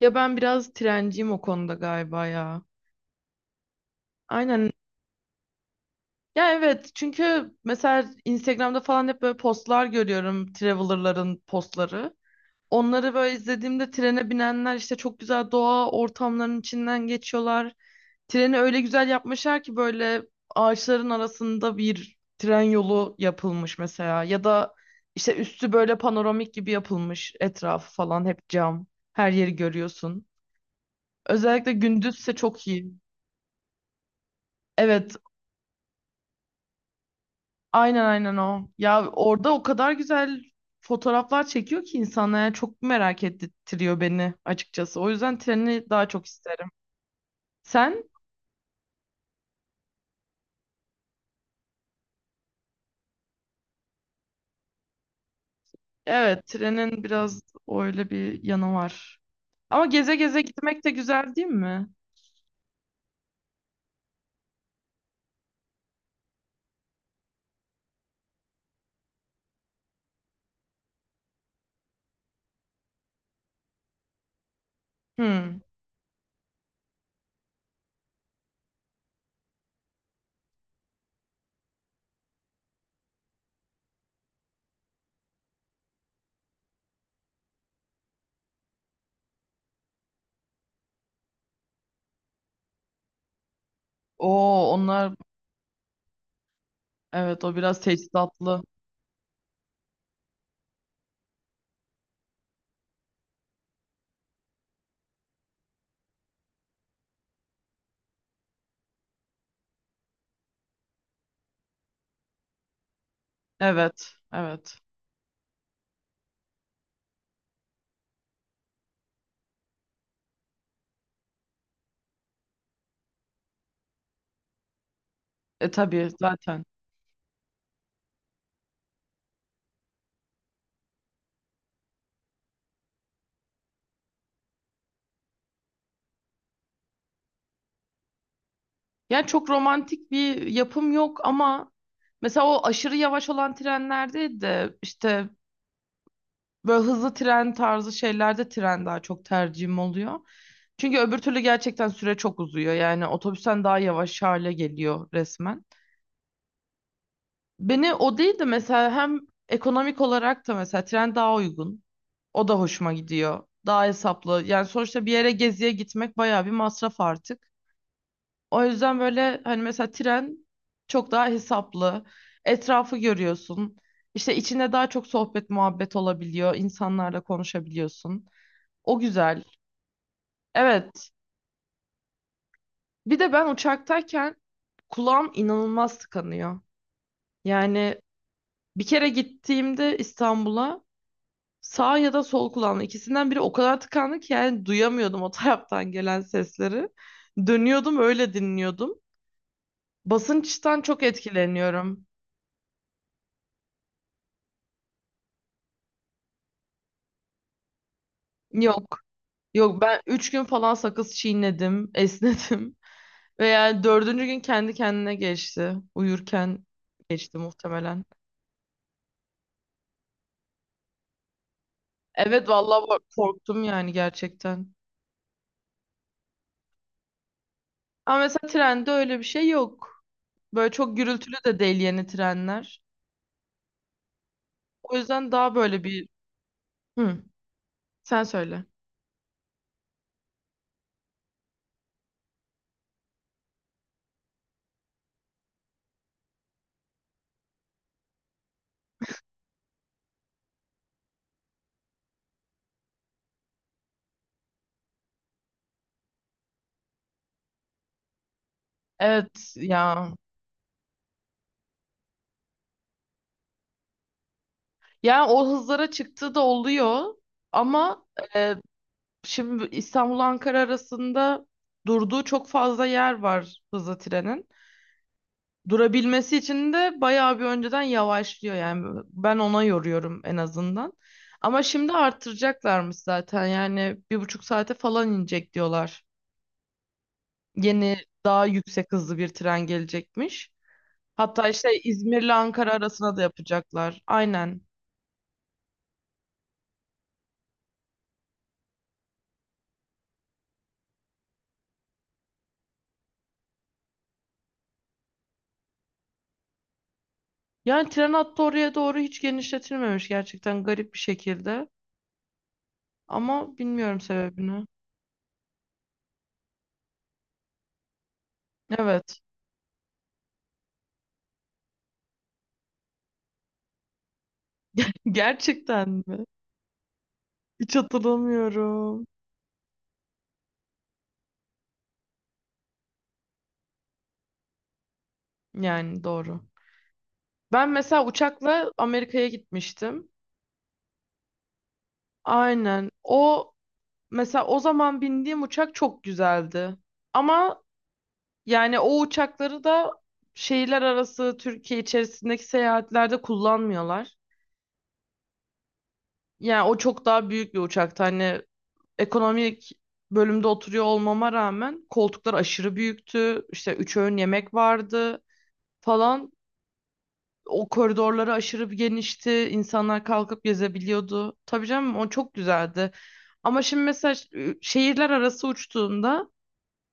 Ya ben biraz trenciyim o konuda galiba ya. Aynen. Ya evet çünkü mesela Instagram'da falan hep böyle postlar görüyorum. Traveler'ların postları. Onları böyle izlediğimde trene binenler işte çok güzel doğa ortamlarının içinden geçiyorlar. Treni öyle güzel yapmışlar ki böyle ağaçların arasında bir tren yolu yapılmış mesela. Ya da işte üstü böyle panoramik gibi yapılmış. Etrafı falan hep cam. Her yeri görüyorsun. Özellikle gündüzse çok iyi. Evet, aynen aynen o. Ya orada o kadar güzel fotoğraflar çekiyor ki insanlar yani çok merak ettiriyor beni açıkçası. O yüzden treni daha çok isterim. Sen? Evet, trenin biraz öyle bir yanı var. Ama geze geze gitmek de güzel değil mi? Hmm. Oo, onlar evet o biraz tesisatlı. Evet, evet. E tabii zaten. Yani çok romantik bir yapım yok ama mesela o aşırı yavaş olan trenlerde de işte böyle hızlı tren tarzı şeylerde tren daha çok tercihim oluyor. Çünkü öbür türlü gerçekten süre çok uzuyor. Yani otobüsten daha yavaş hale geliyor resmen. Beni o değil de mesela hem ekonomik olarak da mesela tren daha uygun. O da hoşuma gidiyor. Daha hesaplı. Yani sonuçta bir yere geziye gitmek bayağı bir masraf artık. O yüzden böyle hani mesela tren çok daha hesaplı. Etrafı görüyorsun. İşte içinde daha çok sohbet muhabbet olabiliyor. İnsanlarla konuşabiliyorsun. O güzel. Evet. Bir de ben uçaktayken kulağım inanılmaz tıkanıyor. Yani bir kere gittiğimde İstanbul'a sağ ya da sol kulağım ikisinden biri o kadar tıkandı ki yani duyamıyordum o taraftan gelen sesleri. Dönüyordum öyle dinliyordum. Basınçtan çok etkileniyorum. Yok. Yok ben 3 gün falan sakız çiğnedim, esnedim. Ve yani dördüncü gün kendi kendine geçti. Uyurken geçti muhtemelen. Evet vallahi korktum yani gerçekten. Ama mesela trende öyle bir şey yok. Böyle çok gürültülü de değil yeni trenler. O yüzden daha böyle bir... Hı, sen söyle. Evet ya. Yani o hızlara çıktığı da oluyor. Ama e, şimdi İstanbul Ankara arasında durduğu çok fazla yer var hızlı trenin. Durabilmesi için de bayağı bir önceden yavaşlıyor yani ben ona yoruyorum en azından. Ama şimdi artıracaklarmış zaten yani bir buçuk saate falan inecek diyorlar. Yeni daha yüksek hızlı bir tren gelecekmiş. Hatta işte İzmir'le Ankara arasına da yapacaklar. Aynen. Yani tren hattı oraya doğru hiç genişletilmemiş gerçekten garip bir şekilde. Ama bilmiyorum sebebini. Evet. Gerçekten mi? Hiç hatırlamıyorum. Yani doğru. Ben mesela uçakla Amerika'ya gitmiştim. Aynen. O mesela o zaman bindiğim uçak çok güzeldi. Ama yani o uçakları da şehirler arası Türkiye içerisindeki seyahatlerde kullanmıyorlar. Yani o çok daha büyük bir uçaktı. Hani ekonomik bölümde oturuyor olmama rağmen koltuklar aşırı büyüktü. İşte üç öğün yemek vardı falan. O koridorları aşırı bir genişti. İnsanlar kalkıp gezebiliyordu. Tabii canım o çok güzeldi. Ama şimdi mesela şehirler arası uçtuğunda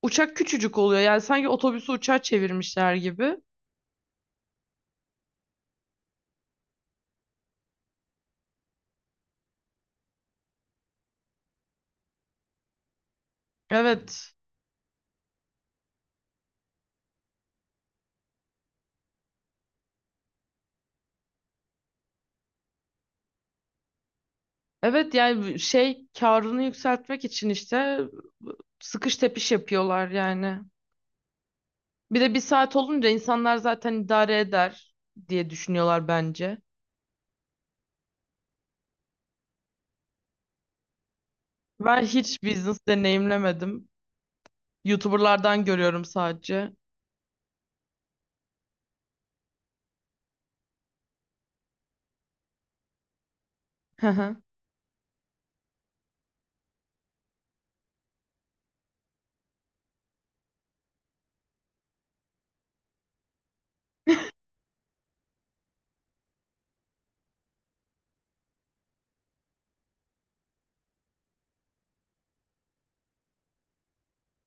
uçak küçücük oluyor. Yani sanki otobüsü uçağa çevirmişler gibi. Evet. Evet yani şey karını yükseltmek için işte sıkış tepiş yapıyorlar yani. Bir de bir saat olunca insanlar zaten idare eder diye düşünüyorlar bence. Ben hiç business deneyimlemedim. YouTuber'lardan görüyorum sadece. Hı hı.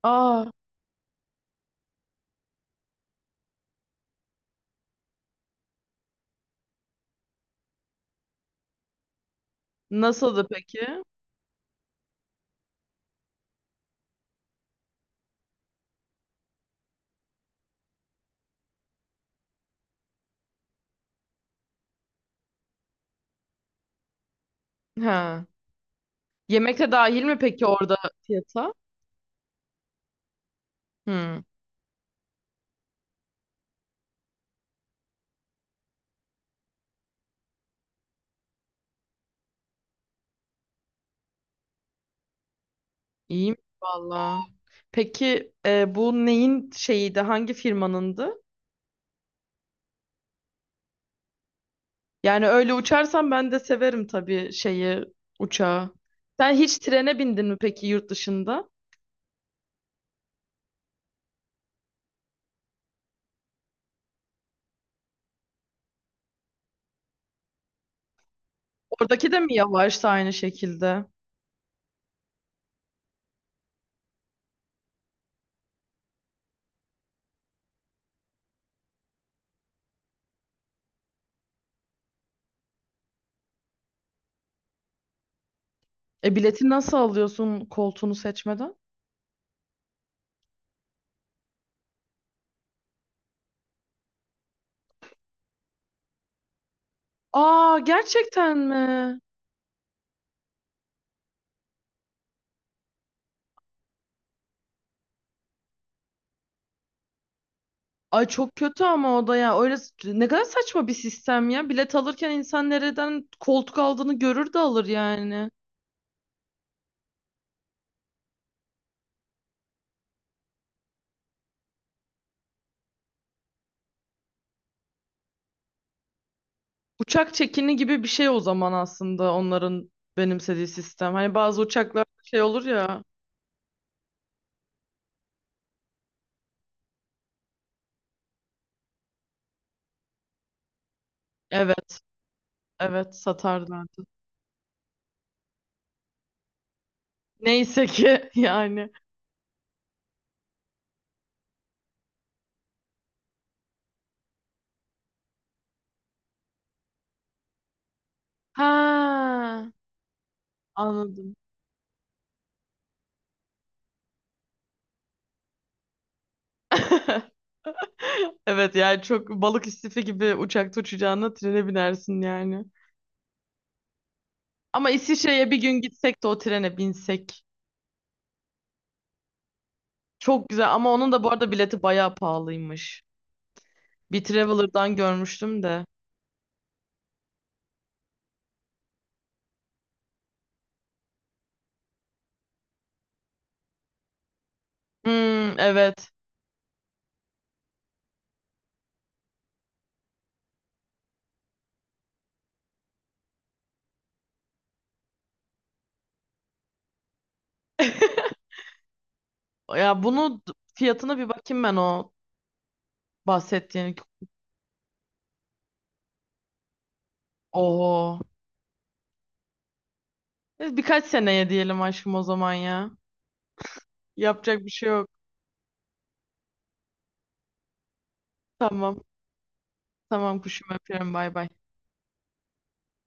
Aa, nasıldı peki? Ha. Yemek de dahil mi peki orada fiyata? Hı, iyiymiş valla. Peki bu neyin şeyiydi? Hangi firmanındı? Yani öyle uçarsan ben de severim tabii şeyi, uçağı. Sen hiç trene bindin mi peki yurt dışında? Oradaki de mi yavaşsa aynı şekilde? E bileti nasıl alıyorsun koltuğunu seçmeden? Aa gerçekten mi? Ay çok kötü ama o da ya. Öyle ne kadar saçma bir sistem ya. Bilet alırken insan nereden koltuk aldığını görür de alır yani. Uçak çekini gibi bir şey o zaman aslında onların benimsediği sistem. Hani bazı uçaklar şey olur ya. Evet, evet satarlardı. Neyse ki yani. Ha, anladım. Evet yani çok balık istifi gibi uçakta uçacağına trene binersin yani. Ama İsviçre'ye bir gün gitsek de o trene binsek. Çok güzel ama onun da bu arada bileti bayağı pahalıymış. Bir Traveler'dan görmüştüm de. Hmm, evet. Ya bunu fiyatına bir bakayım ben o bahsettiğin. Oho. Biz birkaç seneye diyelim aşkım o zaman ya. Yapacak bir şey yok. Tamam. Tamam kuşum öpüyorum. Bay bay.